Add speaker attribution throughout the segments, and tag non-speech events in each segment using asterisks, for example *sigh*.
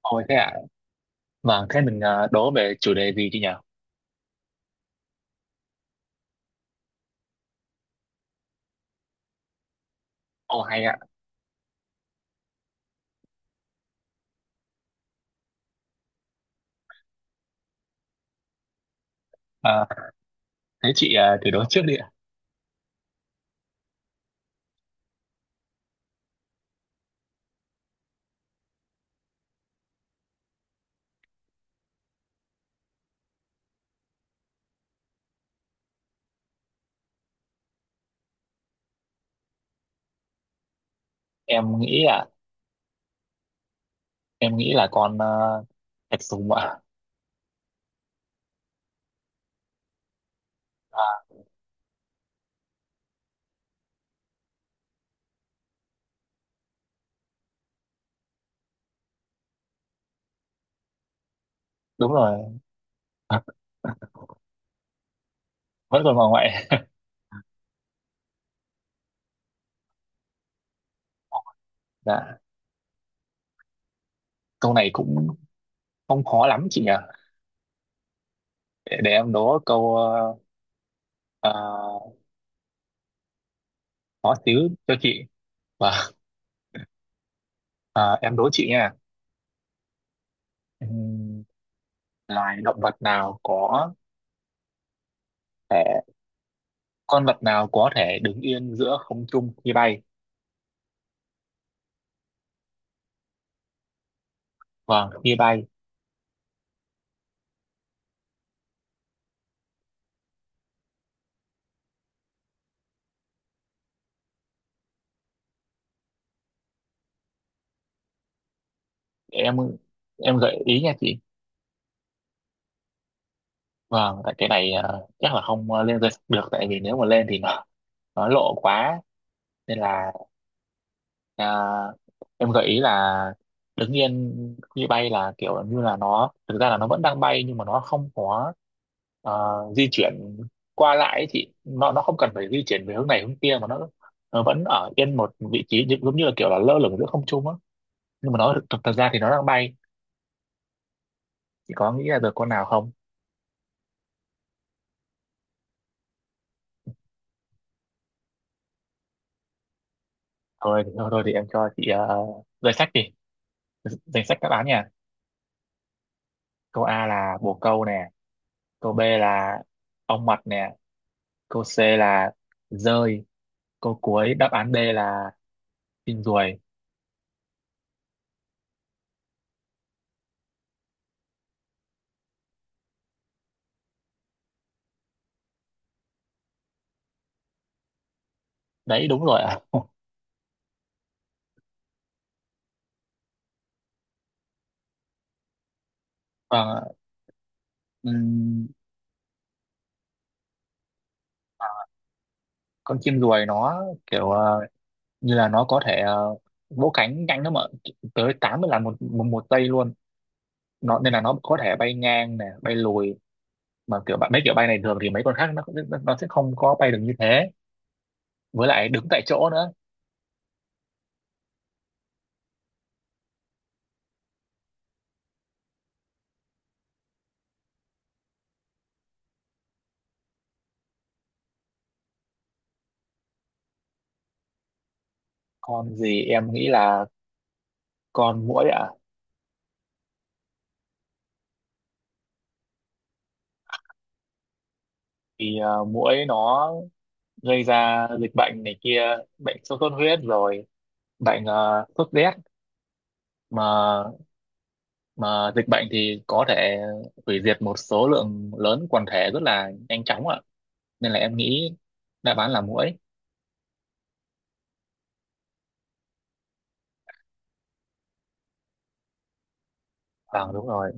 Speaker 1: Ôi thế ạ, vâng, thế mình đố về chủ đề gì chị nhỉ? Ồ hay ạ. Ờ, thế chị thử đố trước đi ạ. Em nghĩ ạ, em nghĩ là con thạch sùng ạ. À, đúng rồi. *laughs* Vẫn còn bà ngoại. *laughs* Dạ, câu này cũng không khó lắm chị nhỉ? Để em đố câu ờ, khó xíu cho chị. Vâng. Ờ, em đố chị nha. Ừm, Loài động vật nào có thể, con vật nào có thể đứng yên giữa không trung khi bay? Vâng, khi bay. Em em gợi ý nha chị. Vâng, tại cái này chắc là không lên danh sách được, tại vì nếu mà lên thì nó lộ quá, nên là ờ, em gợi ý là đứng yên khi bay là kiểu như là nó thực ra là nó vẫn đang bay, nhưng mà nó không có ờ, di chuyển qua lại ấy chị, nó không cần phải di chuyển về hướng này hướng kia, mà nó vẫn ở yên một vị trí giống như là kiểu là lơ lửng giữa không trung á, nhưng mà nó thực ra thì nó đang bay. Chị có nghĩ ra được con nào không? Thôi thôi, thôi thì em cho chị danh sách đi, danh sách đáp án nha. Câu A là bồ câu nè, câu B là ong mật nè, câu C là dơi, câu cuối đáp án D là chim ruồi. Đấy đúng rồi ạ. Vâng. ừm, con chim ruồi nó kiểu như là nó có thể vỗ cánh nhanh lắm ạ, tới 80 lần một, một một giây luôn, nó nên là nó có thể bay ngang nè bay lùi, mà kiểu bạn mấy kiểu bay này thường thì mấy con khác nó sẽ không có bay được như thế, với lại đứng tại chỗ nữa. Con gì? Em nghĩ là con muỗi ạ. Thì muỗi nó gây ra dịch bệnh này kia, bệnh sốt xuất huyết rồi bệnh sốt rét, mà mà dịch bệnh thì có thể hủy diệt một số lượng lớn quần thể rất là nhanh chóng ạ, nên là em nghĩ đáp án là muỗi. Vâng đúng rồi.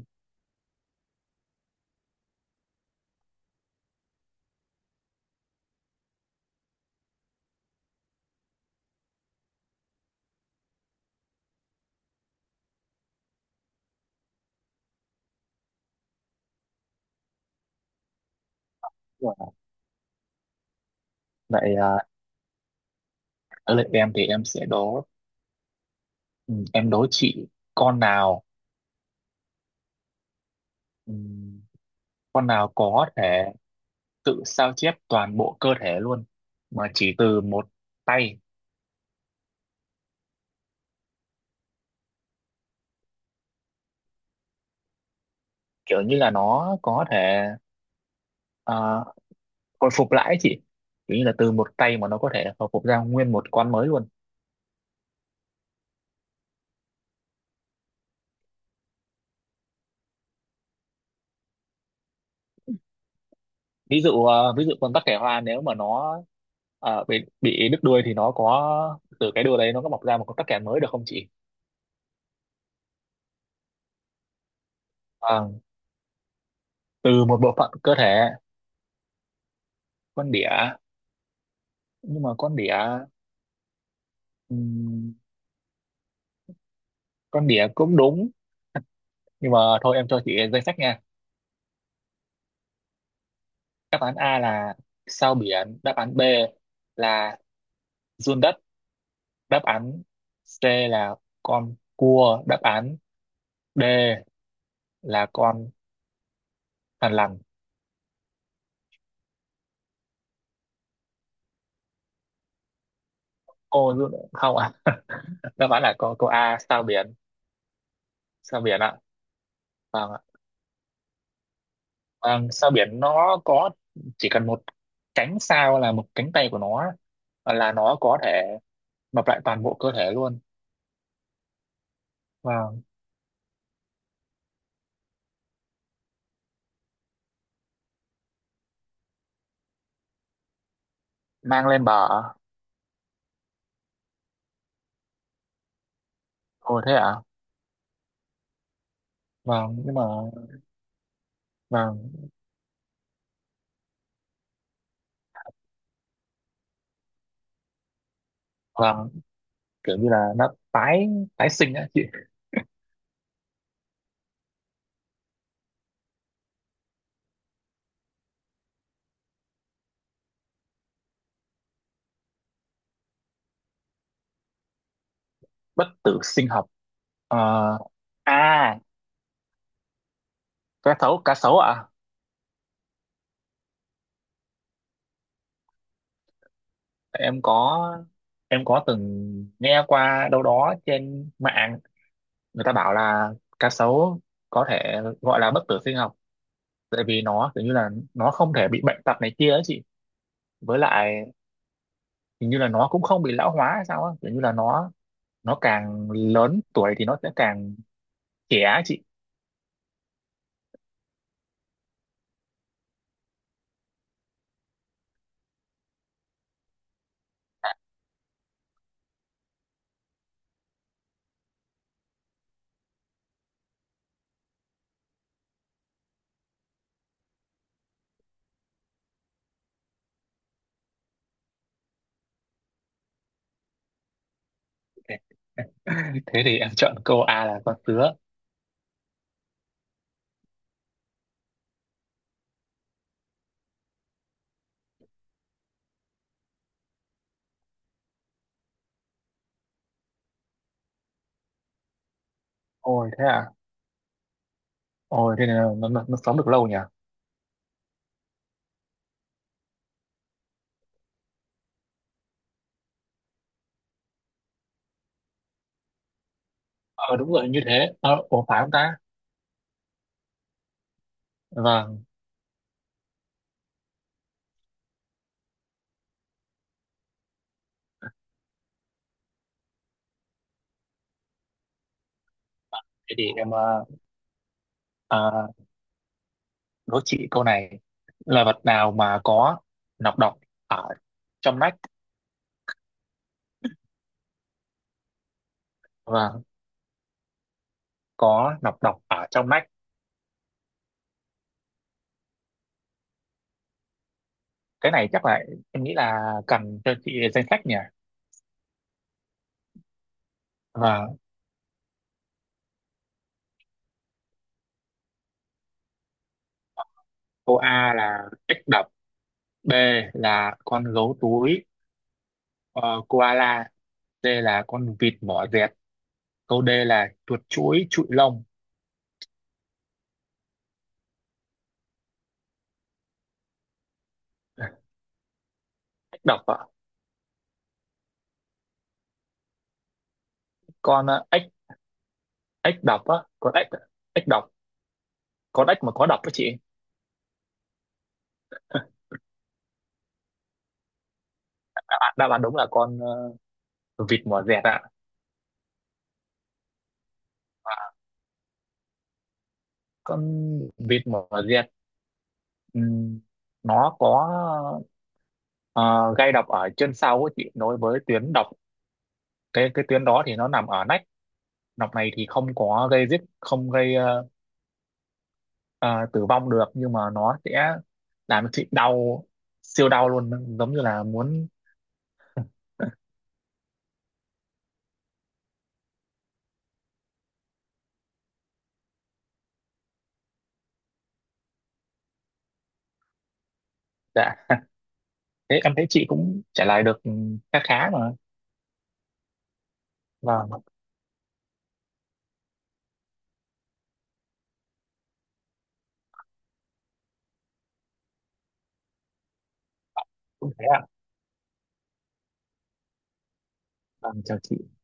Speaker 1: Đúng rồi. Vậy ở lượt em thì em sẽ đố. Ừ, em đố chị. Con nào ừ, con nào có thể tự sao chép toàn bộ cơ thể luôn mà chỉ từ một tay. Kiểu như là nó có thể à, hồi phục lại ấy chị, kiểu như là từ một cây mà nó có thể hồi phục ra nguyên một con mới luôn. Ví dụ con tắc kè hoa, nếu mà nó bị đứt đuôi thì nó có từ cái đuôi đấy nó có mọc ra một con tắc kè mới được không chị? Vâng, từ một bộ phận cơ thể. Con đỉa. Nhưng mà con đỉa, ừm, con đỉa cũng đúng, nhưng mà thôi em cho chị danh sách nha. Đáp án A là sao biển, đáp án B là giun đất, đáp án C là con cua, đáp án D là con. Bạn làm cô luôn không ạ? *laughs* À? Đáp án là cô A sao biển, sao biển ạ, vâng ạ. Vâng, sao biển nó có, chỉ cần một cánh sao là một cánh tay của nó là nó có thể mập lại toàn bộ cơ thể luôn. Vâng, mang lên bờ. Ồ thế ạ. Vâng nhưng mà vâng, vâng, kiểu như là nó tái tái sinh á chị. Bất tử sinh học. Ờ, à cá sấu, cá sấu ạ. Em có em có từng nghe qua đâu đó trên mạng, người ta bảo là cá sấu có thể gọi là bất tử sinh học, tại vì nó kiểu như là nó không thể bị bệnh tật này kia ấy chị, với lại hình như là nó cũng không bị lão hóa hay sao á, kiểu như là nó càng lớn tuổi thì nó sẽ càng trẻ á chị. *laughs* Thế thì em chọn câu A là con sứa. Ôi thế à. Ôi thế là nó sống được lâu nhỉ. Ờ đúng rồi như thế ủa phải không ta. Vâng. Thế thì em uh, đố chị câu này là vật nào mà có nọc độc ở trong nách. Vâng, có nọc độc ở trong nách. Cái này chắc là em nghĩ là cần cho chị danh sách nhỉ. Và cô A là ếch đập, B là con gấu túi ờ, koala, C là con vịt mỏ dẹt, câu D là chuột chuỗi trụi lông. Ếch độc ạ, con ếch ếch độc á, con ếch ếch độc, con ếch mà có độc đó chị. À, đáp án đúng là con vịt mỏ dẹt ạ. À, con vịt mỏ dẹt ừm, nó có ờ, gây độc ở chân sau ấy chị, nối với tuyến độc, cái tuyến đó thì nó nằm ở nách. Nọc này thì không có gây giết, không gây ờ, tử vong được, nhưng mà nó sẽ làm cho chị đau siêu đau luôn giống như là muốn. *laughs* Dạ. Thế em thấy chị cũng trả lời được khá khá mà. Vâng. Vâng, cũng thế ạ. Vâng chào chị.